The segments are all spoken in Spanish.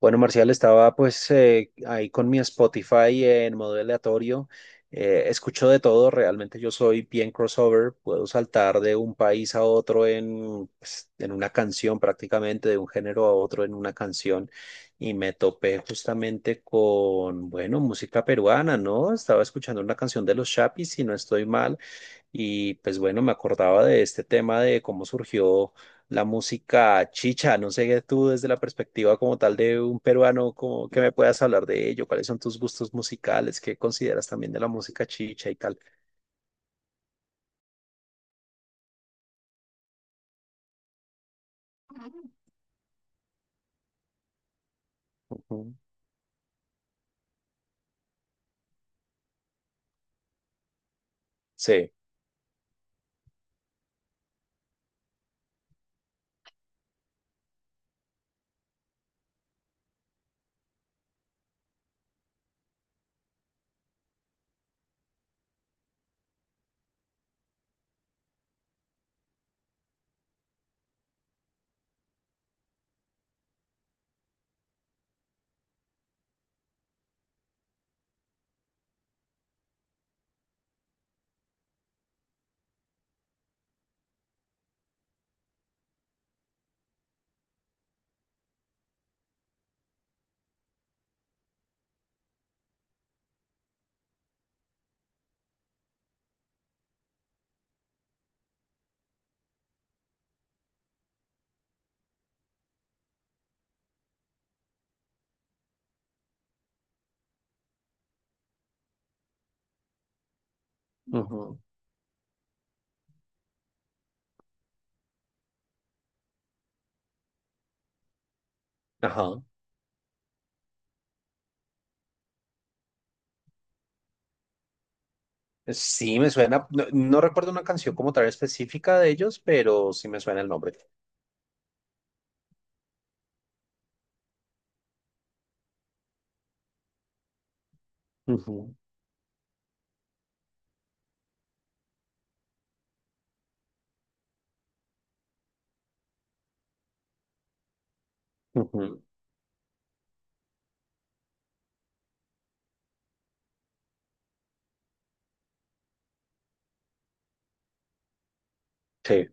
Bueno, Marcial, estaba pues ahí con mi Spotify en modo aleatorio. Escucho de todo, realmente yo soy bien crossover, puedo saltar de un país a otro pues, en una canción prácticamente, de un género a otro en una canción. Y me topé justamente con, bueno, música peruana, ¿no? Estaba escuchando una canción de los Chapis, si no estoy mal, y pues bueno, me acordaba de este tema de cómo surgió la música chicha. No sé tú desde la perspectiva como tal de un peruano, como que me puedas hablar de ello, cuáles son tus gustos musicales, qué consideras también de la música chicha y tal. Ujú. Sí. Ujú. Ajá. Sí, me suena, no, no recuerdo una canción como tal específica de ellos, pero sí me suena el nombre. Ujú. Ujú. Sí.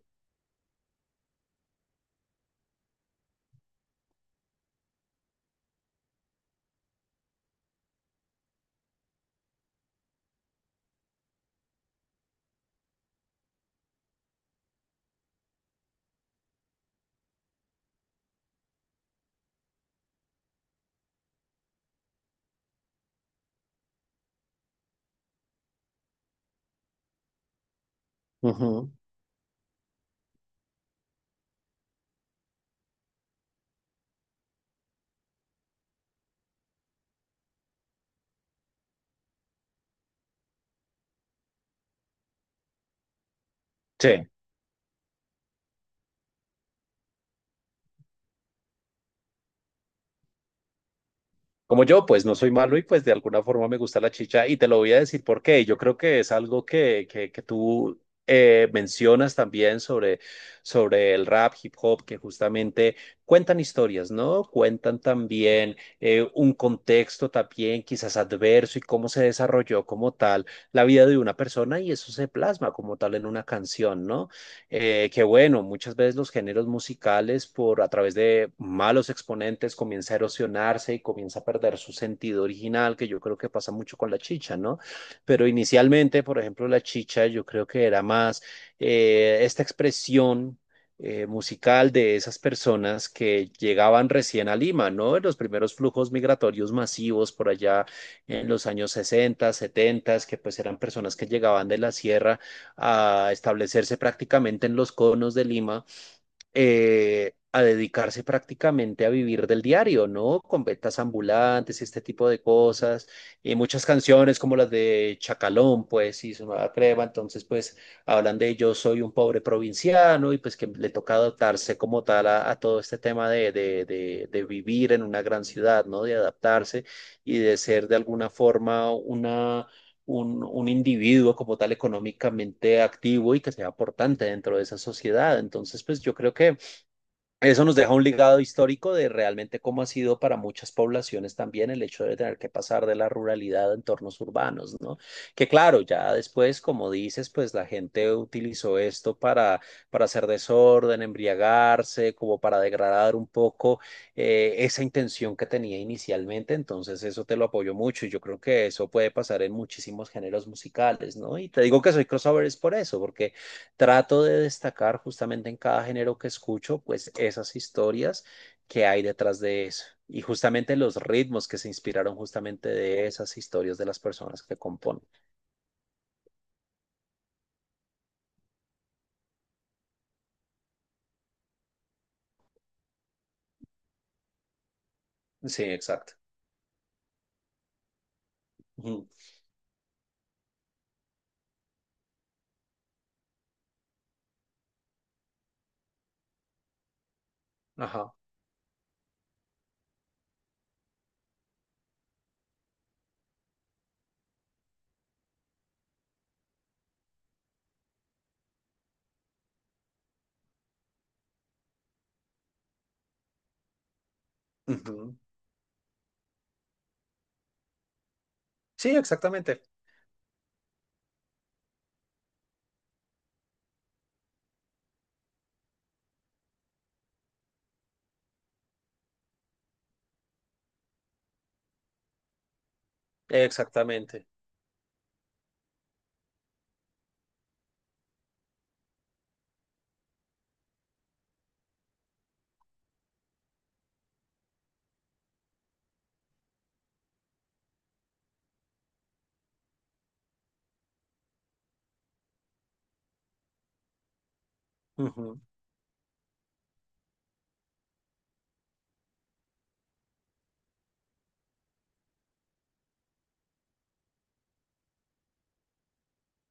Ujú. Sí. Como yo, pues no soy malo y pues de alguna forma me gusta la chicha y te lo voy a decir por qué. Yo creo que es algo que tú mencionas también sobre el rap, hip hop, que justamente cuentan historias, ¿no? Cuentan también un contexto también quizás adverso y cómo se desarrolló como tal la vida de una persona y eso se plasma como tal en una canción, ¿no? Que bueno, muchas veces los géneros musicales por a través de malos exponentes comienza a erosionarse y comienza a perder su sentido original, que yo creo que pasa mucho con la chicha, ¿no? Pero inicialmente, por ejemplo, la chicha yo creo que era más esta expresión musical de esas personas que llegaban recién a Lima, ¿no? En los primeros flujos migratorios masivos por allá en los años 60, 70, que pues eran personas que llegaban de la sierra a establecerse prácticamente en los conos de Lima, a dedicarse prácticamente a vivir del diario, ¿no? Con ventas ambulantes este tipo de cosas, y muchas canciones como las de Chacalón, pues, y su nueva crema, entonces, pues, hablan de yo soy un pobre provinciano y pues que le toca adaptarse como tal a todo este tema de vivir en una gran ciudad, ¿no? De adaptarse y de ser de alguna forma un individuo como tal económicamente activo y que sea aportante dentro de esa sociedad. Entonces, pues yo creo que eso nos deja un legado histórico de realmente cómo ha sido para muchas poblaciones también el hecho de tener que pasar de la ruralidad a entornos urbanos, ¿no? Que claro, ya después, como dices, pues la gente utilizó esto para hacer desorden, embriagarse, como para degradar un poco esa intención que tenía inicialmente. Entonces, eso te lo apoyo mucho y yo creo que eso puede pasar en muchísimos géneros musicales, ¿no? Y te digo que soy crossover es por eso, porque trato de destacar justamente en cada género que escucho, pues esas historias que hay detrás de eso y justamente los ritmos que se inspiraron justamente de esas historias de las personas que componen. Sí, exacto. Ujú. Ajá. Ujú. Sí, exactamente. Exactamente. Ujú.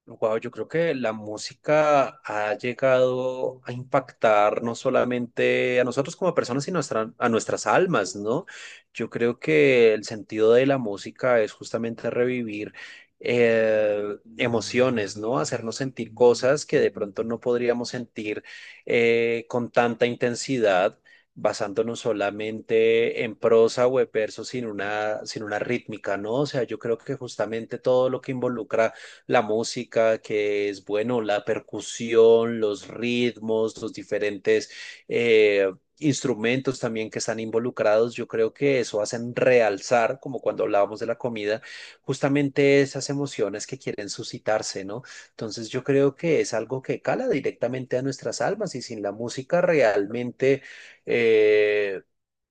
Wow, yo creo que la música ha llegado a impactar no solamente a nosotros como personas, sino a nuestras almas, ¿no? Yo creo que el sentido de la música es justamente revivir eh, emociones, ¿no? Hacernos sentir cosas que de pronto no podríamos sentir con tanta intensidad, basándonos solamente en prosa o en verso sin una rítmica, ¿no? O sea, yo creo que justamente todo lo que involucra la música, que es, bueno, la percusión, los ritmos, los diferentes eh, instrumentos también que están involucrados. Yo creo que eso hacen realzar, como cuando hablábamos de la comida, justamente esas emociones que quieren suscitarse, ¿no? Entonces yo creo que es algo que cala directamente a nuestras almas y sin la música realmente eh,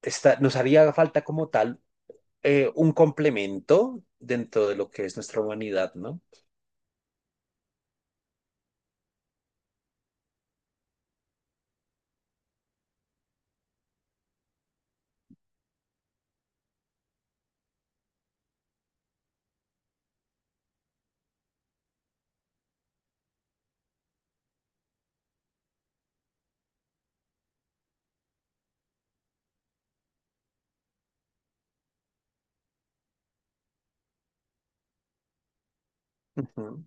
nos haría falta como tal un complemento dentro de lo que es nuestra humanidad, ¿no? Ujú.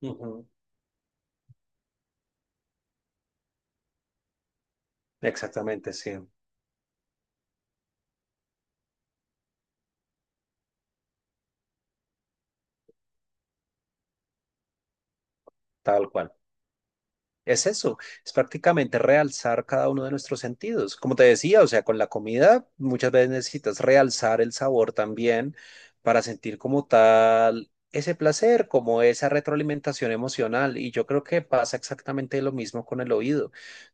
Ujú. Exactamente, sí, tal cual. Es eso, es prácticamente realzar cada uno de nuestros sentidos. Como te decía, o sea, con la comida muchas veces necesitas realzar el sabor también para sentir como tal ese placer, como esa retroalimentación emocional. Y yo creo que pasa exactamente lo mismo con el oído.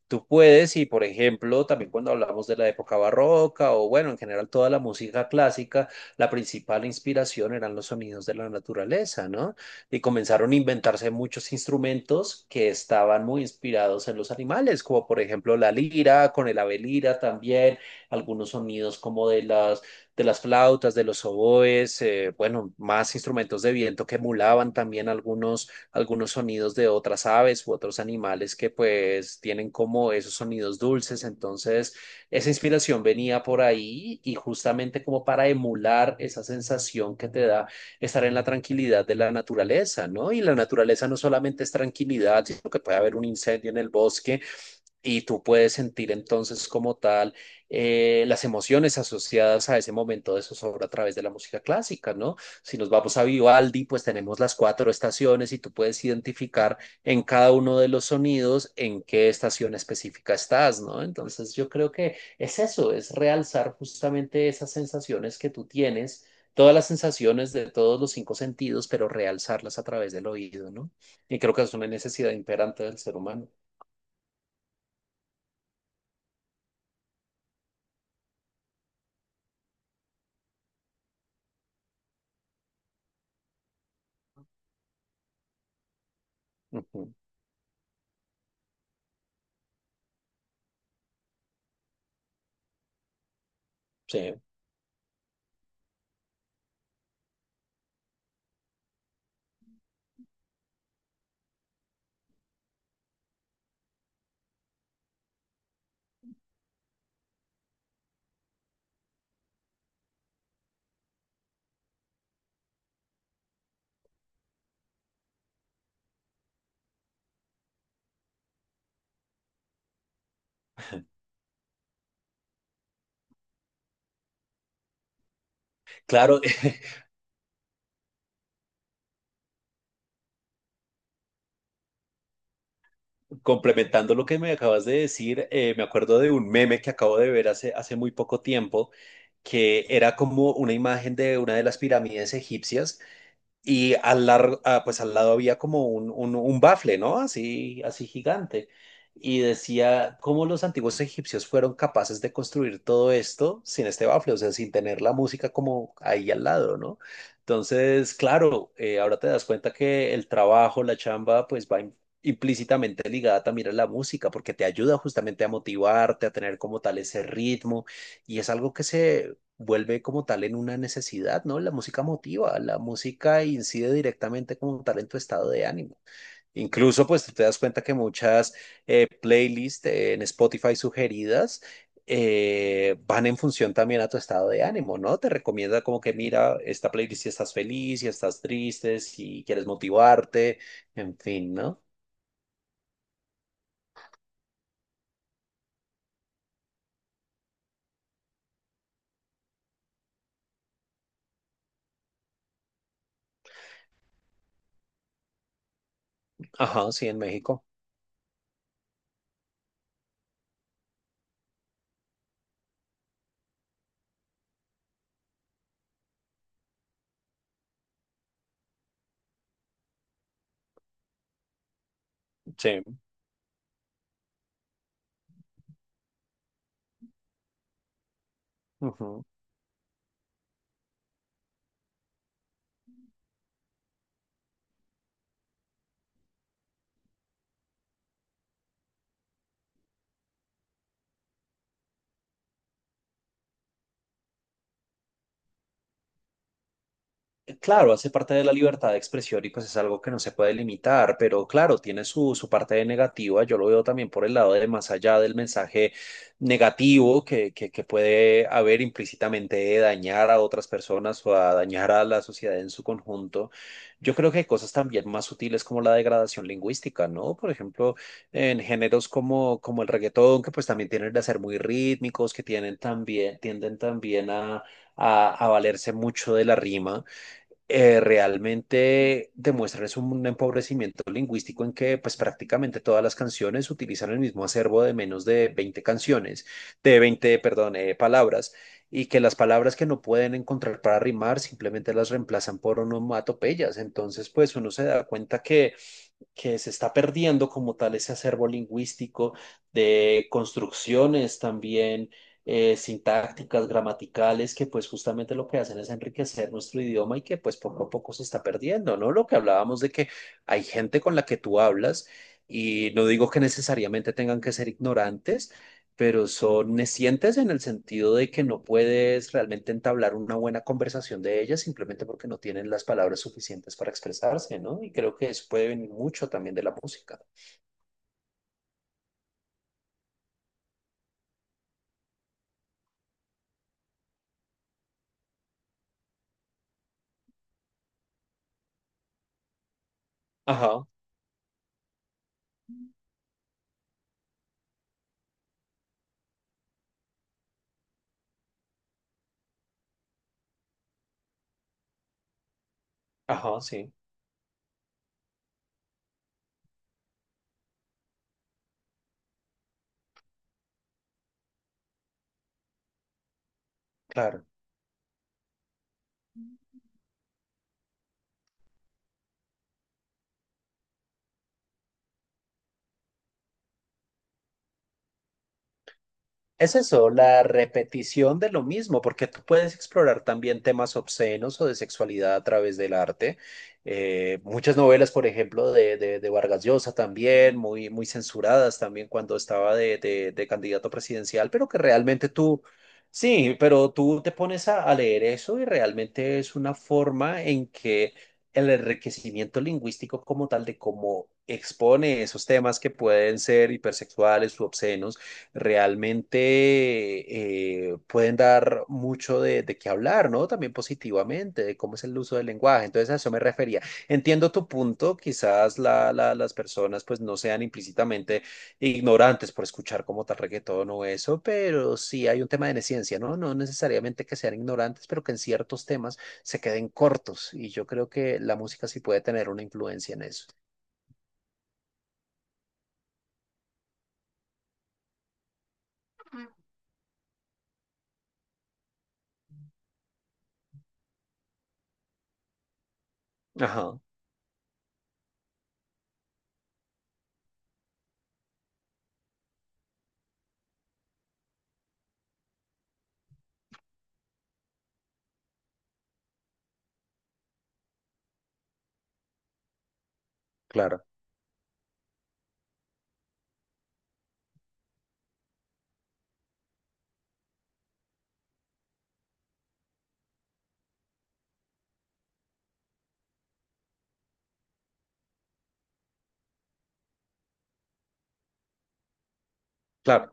Tú puedes, y por ejemplo, también cuando hablamos de la época barroca o bueno, en general toda la música clásica, la principal inspiración eran los sonidos de la naturaleza, ¿no? Y comenzaron a inventarse muchos instrumentos que estaban muy inspirados en los animales, como por ejemplo la lira, con el ave lira también, algunos sonidos como de las flautas, de los oboes, bueno, más instrumentos de viento que emulaban también algunos sonidos de otras aves u otros animales que pues tienen como esos sonidos dulces, entonces... Esa inspiración venía por ahí y justamente como para emular esa sensación que te da estar en la tranquilidad de la naturaleza, ¿no? Y la naturaleza no solamente es tranquilidad, sino que puede haber un incendio en el bosque y tú puedes sentir entonces como tal las emociones asociadas a ese momento de zozobra a través de la música clásica, ¿no? Si nos vamos a Vivaldi, pues tenemos las cuatro estaciones y tú puedes identificar en cada uno de los sonidos en qué estación específica estás, ¿no? Entonces yo creo que es eso, es realzar justamente esas sensaciones que tú tienes, todas las sensaciones de todos los cinco sentidos, pero realzarlas a través del oído, ¿no? Y creo que es una necesidad imperante del ser humano. Ujú. Sí. Claro, complementando lo que me acabas de decir, me acuerdo de un meme que acabo de ver hace muy poco tiempo, que era como una imagen de una de las pirámides egipcias. Y pues al lado había como un bafle, ¿no? Así, así gigante. Y decía cómo los antiguos egipcios fueron capaces de construir todo esto sin este bafle, o sea, sin tener la música como ahí al lado, ¿no? Entonces, claro, ahora te das cuenta que el trabajo, la chamba, pues va implícitamente ligada también a la música, porque te ayuda justamente a motivarte, a tener como tal ese ritmo, y es algo que se vuelve como tal en una necesidad, ¿no? La música motiva, la música incide directamente como tal en tu estado de ánimo. Incluso, pues tú te das cuenta que muchas playlists en Spotify sugeridas van en función también a tu estado de ánimo, ¿no? Te recomienda como que mira esta playlist si estás feliz, si estás triste, si quieres motivarte, en fin, ¿no? Ajá, sí, en México. Sí. Ujú. Claro, hace parte de la libertad de expresión y pues es algo que no se puede limitar, pero claro, tiene su parte de negativa. Yo lo veo también por el lado de más allá del mensaje negativo que puede haber implícitamente de dañar a otras personas o a dañar a la sociedad en su conjunto. Yo creo que hay cosas también más sutiles como la degradación lingüística, ¿no? Por ejemplo, en géneros como el reggaetón, que pues también tienen de ser muy rítmicos, tienden también a valerse mucho de la rima realmente demuestran es un empobrecimiento lingüístico en que pues prácticamente todas las canciones utilizan el mismo acervo de menos de 20 canciones, de 20 perdón, palabras, y que las palabras que no pueden encontrar para rimar simplemente las reemplazan por onomatopeyas. Entonces, pues uno se da cuenta que se está perdiendo como tal ese acervo lingüístico de construcciones también sintácticas, gramaticales, que pues justamente lo que hacen es enriquecer nuestro idioma y que pues poco a poco se está perdiendo, ¿no? Lo que hablábamos de que hay gente con la que tú hablas y no digo que necesariamente tengan que ser ignorantes, pero son necientes en el sentido de que no puedes realmente entablar una buena conversación de ellas simplemente porque no tienen las palabras suficientes para expresarse, ¿no? Y creo que eso puede venir mucho también de la música. Ajá, ajá, sí, claro. Es eso, la repetición de lo mismo, porque tú puedes explorar también temas obscenos o de sexualidad a través del arte. Muchas novelas, por ejemplo, de Vargas Llosa también, muy, muy censuradas también cuando estaba de candidato presidencial, pero que realmente tú, sí, pero tú te pones a leer eso y realmente es una forma en que el enriquecimiento lingüístico como tal de cómo expone esos temas que pueden ser hipersexuales u obscenos realmente pueden dar mucho de qué hablar, ¿no? También positivamente, de cómo es el uso del lenguaje. Entonces a eso me refería. Entiendo tu punto, quizás las personas pues no sean implícitamente ignorantes por escuchar como tal reggaetón o eso, pero sí hay un tema de neciencia, ¿no? No necesariamente que sean ignorantes, pero que en ciertos temas se queden cortos. Y yo creo que la música sí puede tener una influencia en eso. Ajá, claro, claro.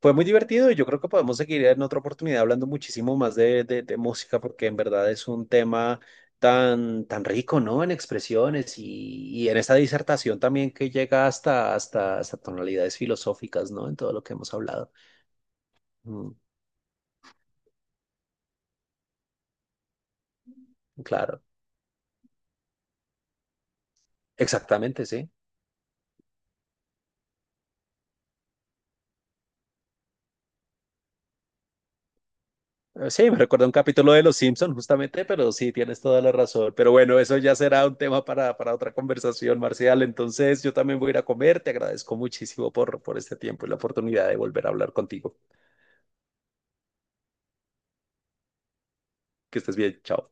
Fue muy divertido y yo creo que podemos seguir en otra oportunidad hablando muchísimo más de música porque en verdad es un tema tan, tan rico, ¿no? En expresiones y en esta disertación también que llega hasta tonalidades filosóficas, ¿no? En todo lo que hemos hablado. Mm, claro, exactamente, sí. Sí, me recuerda un capítulo de Los Simpson, justamente, pero sí, tienes toda la razón. Pero bueno, eso ya será un tema para otra conversación, Marcial. Entonces, yo también voy a ir a comer. Te agradezco muchísimo por este tiempo y la oportunidad de volver a hablar contigo. Que estés bien. Chao.